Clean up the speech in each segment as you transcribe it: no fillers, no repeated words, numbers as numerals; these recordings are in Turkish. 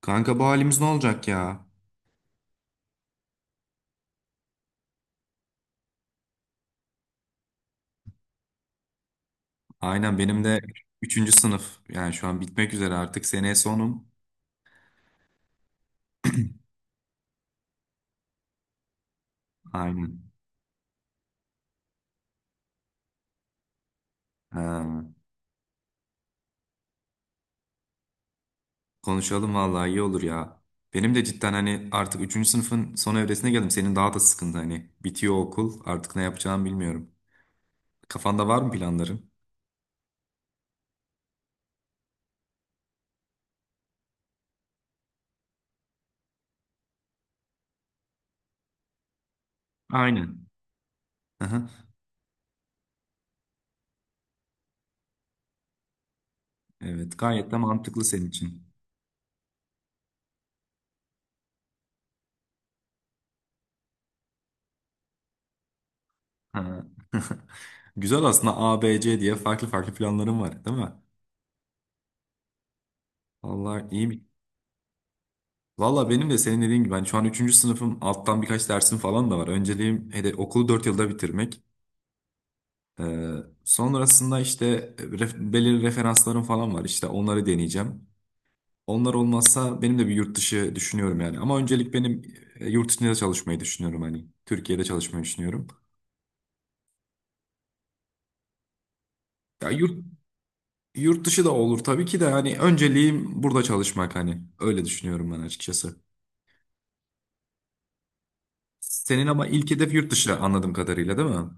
Kanka bu halimiz ne olacak ya? Aynen benim de üçüncü sınıf. Yani şu an bitmek üzere artık. Seneye sonum. Aynen. Ha. Konuşalım vallahi iyi olur ya. Benim de cidden hani artık üçüncü sınıfın son evresine geldim. Senin daha da sıkıntı hani. Bitiyor okul. Artık ne yapacağımı bilmiyorum. Kafanda var mı planların? Aynen. Aha. Evet, gayet de mantıklı senin için. Ha. Güzel, aslında A, B, C diye farklı farklı planların var, değil mi? Vallahi iyi mi? Valla benim de senin dediğin gibi ben şu an üçüncü sınıfım, alttan birkaç dersim falan da var. Önceliğim hedef okulu 4 yılda bitirmek. Ee, Sonrasında işte belirli referanslarım falan var, işte onları deneyeceğim. Onlar olmazsa benim de bir yurt dışı düşünüyorum yani. Ama öncelik benim, yurt dışında çalışmayı düşünüyorum hani. Türkiye'de çalışmayı düşünüyorum. Ya yurt dışı da olur tabii ki de, hani önceliğim burada çalışmak hani. Öyle düşünüyorum ben açıkçası. Senin ama ilk hedef yurt dışı, anladığım kadarıyla, değil mi?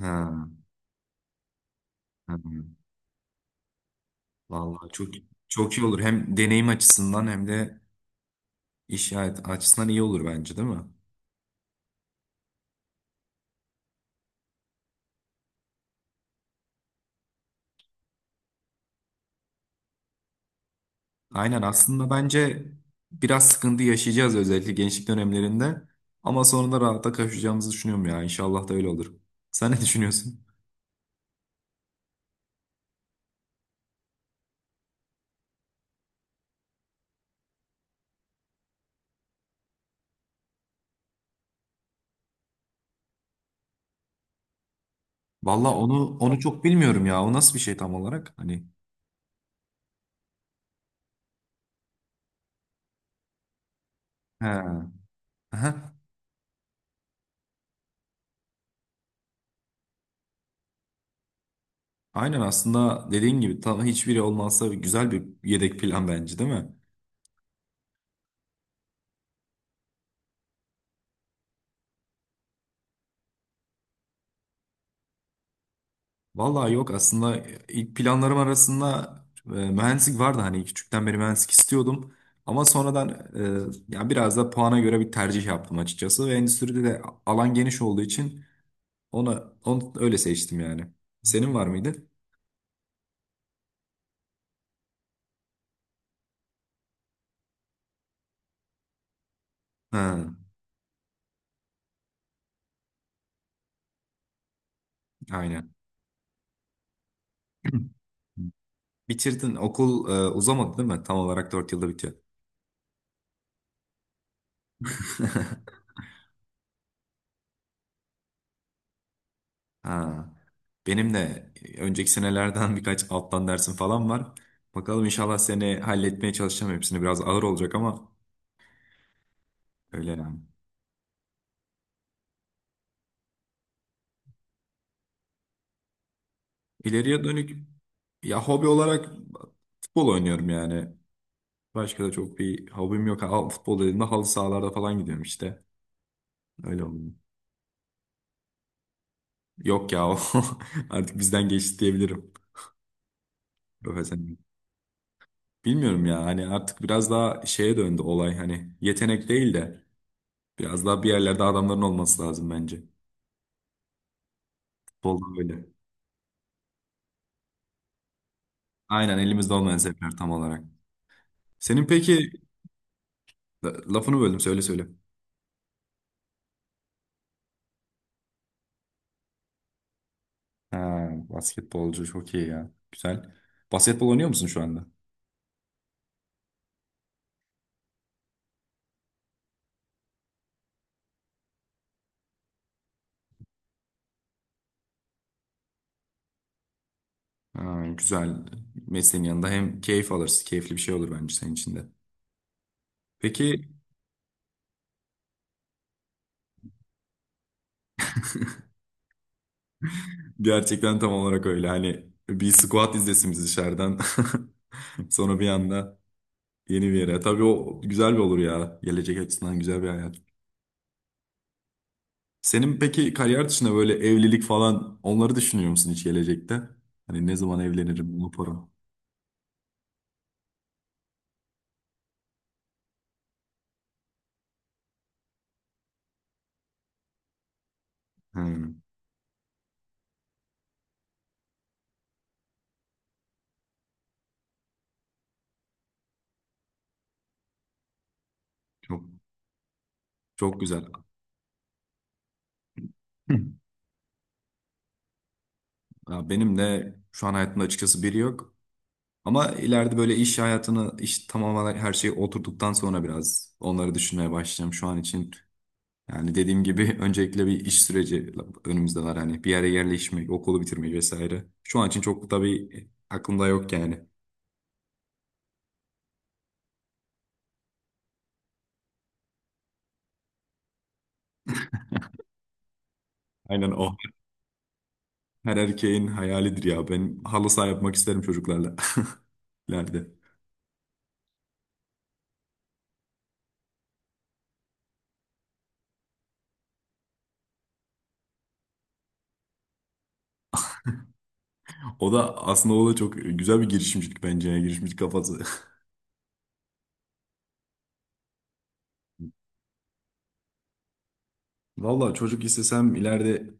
Ha, ha. Vallahi çok çok iyi olur. Hem deneyim açısından hem de iş hayat açısından iyi olur bence, değil mi? Aynen, aslında bence biraz sıkıntı yaşayacağız özellikle gençlik dönemlerinde, ama sonra da rahata kavuşacağımızı düşünüyorum ya. İnşallah da öyle olur. Sen ne düşünüyorsun? Vallahi onu çok bilmiyorum ya. O nasıl bir şey tam olarak? Hani he. Aha. Aynen, aslında dediğin gibi tam hiçbiri olmazsa güzel bir yedek plan bence, değil mi? Vallahi yok, aslında ilk planlarım arasında mühendislik vardı, hani küçükten beri mühendislik istiyordum. Ama sonradan ya biraz da puana göre bir tercih yaptım açıkçası ve endüstride de alan geniş olduğu için onu öyle seçtim yani. Senin var mıydı? Ha, aynen. Bitirdin, okul uzamadı değil mi? Tam olarak 4 yılda bitiyor. Ha. Benim de önceki senelerden birkaç alttan dersim falan var. Bakalım, inşallah seni halletmeye çalışacağım. Hepsini biraz ağır olacak ama öyle yani. İleriye dönük ya, hobi olarak futbol oynuyorum yani. Başka da çok bir hobim yok. Al, futbol dediğimde halı sahalarda falan gidiyorum işte. Öyle oldu. Yok ya, o artık bizden geçti diyebilirim. Profesyonel. Bilmiyorum ya, hani artık biraz daha şeye döndü olay, hani yetenek değil de biraz daha bir yerlerde adamların olması lazım bence. Futbolda böyle. Aynen, elimizde olmayan zevkler tam olarak. Senin peki lafını böldüm, söyle söyle. Ha, basketbolcu çok iyi ya. Güzel. Basketbol oynuyor musun şu anda? Ha, güzel. Mesleğin yanında hem keyif alırsın. Keyifli bir şey olur bence senin için de. Peki, gerçekten tam olarak öyle. Hani bir squat izlesin biz dışarıdan. Sonra bir anda yeni bir yere. Tabii o güzel bir olur ya. Gelecek açısından güzel bir hayat. Senin peki kariyer dışında böyle evlilik falan, onları düşünüyor musun hiç gelecekte? Hani ne zaman evlenirim, ne yaparım? Hmm, Çok çok güzel. Hı. Ya benim de şu an hayatımda açıkçası biri yok. Ama ileride böyle iş hayatını, iş tamamen her şeyi oturduktan sonra biraz onları düşünmeye başlayacağım şu an için. Yani dediğim gibi öncelikle bir iş süreci önümüzde var. Hani bir yere yerleşmek, okulu bitirmek vesaire. Şu an için çok tabii aklımda yok yani. Aynen o. Her erkeğin hayalidir ya. Ben halı saha yapmak isterim çocuklarla. ileride. O da, aslında o da çok güzel bir girişimcilik bence ya. Girişimcilik kafası. Valla çocuk istesem ileride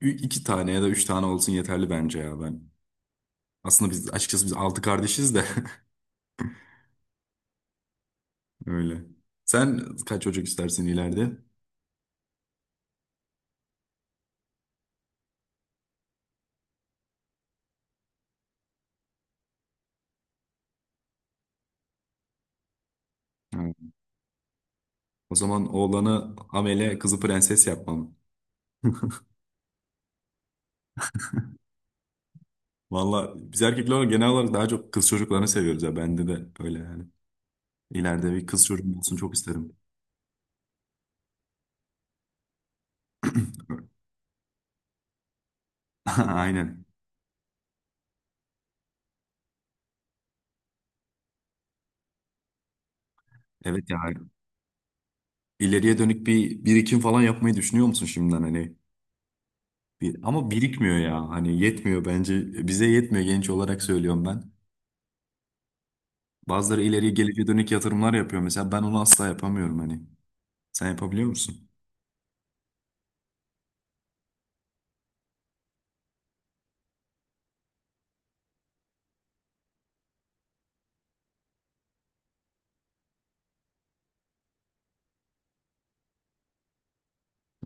iki tane ya da üç tane olsun, yeterli bence ya ben. Aslında açıkçası biz altı kardeşiz de öyle. Sen kaç çocuk istersin ileride? Evet. O zaman oğlanı amele, kızı prenses yapmam. Valla biz erkekler olarak genel olarak daha çok kız çocuklarını seviyoruz ya. Bende de öyle yani. İleride bir kız çocuğum olsun çok isterim. Aynen. Evet ya. İleriye dönük bir birikim falan yapmayı düşünüyor musun şimdiden, hani? Bir, ama birikmiyor ya. Hani yetmiyor bence. Bize yetmiyor, genç olarak söylüyorum ben. Bazıları ileriye, geleceğe dönük yatırımlar yapıyor mesela. Ben onu asla yapamıyorum hani. Sen yapabiliyor musun?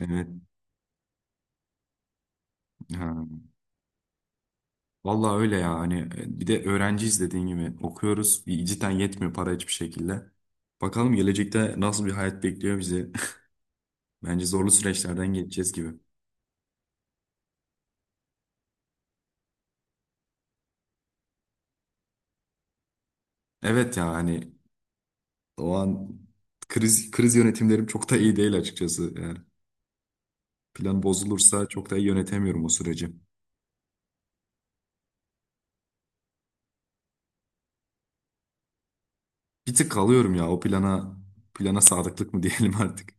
Evet. Ha. Vallahi öyle ya. Hani bir de öğrenciyiz, dediğin gibi okuyoruz. Bir cidden yetmiyor para hiçbir şekilde. Bakalım gelecekte nasıl bir hayat bekliyor bizi. Bence zorlu süreçlerden geçeceğiz gibi. Evet ya, hani o an kriz yönetimlerim çok da iyi değil açıkçası. Yani plan bozulursa çok da iyi yönetemiyorum o süreci. Bir tık kalıyorum ya o plana, plana sadıklık mı diyelim artık.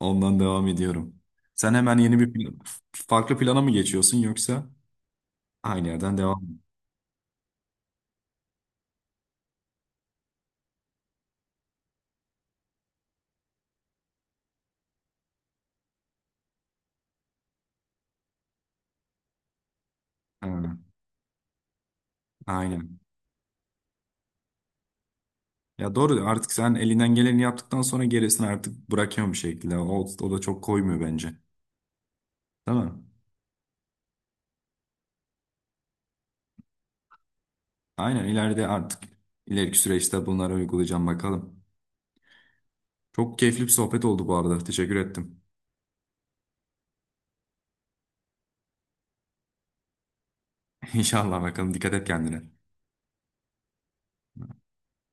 Ondan devam ediyorum. Sen hemen yeni bir farklı plana mı geçiyorsun, yoksa aynı yerden devam mı? Ha, aynen. Ya doğru, artık sen elinden geleni yaptıktan sonra gerisini artık bırakıyorsun bir şekilde. O da çok koymuyor bence. Değil mi? Aynen, ileride artık ileriki süreçte bunları uygulayacağım, bakalım. Çok keyifli bir sohbet oldu bu arada. Teşekkür ettim. İnşallah, bakalım. Dikkat et kendine.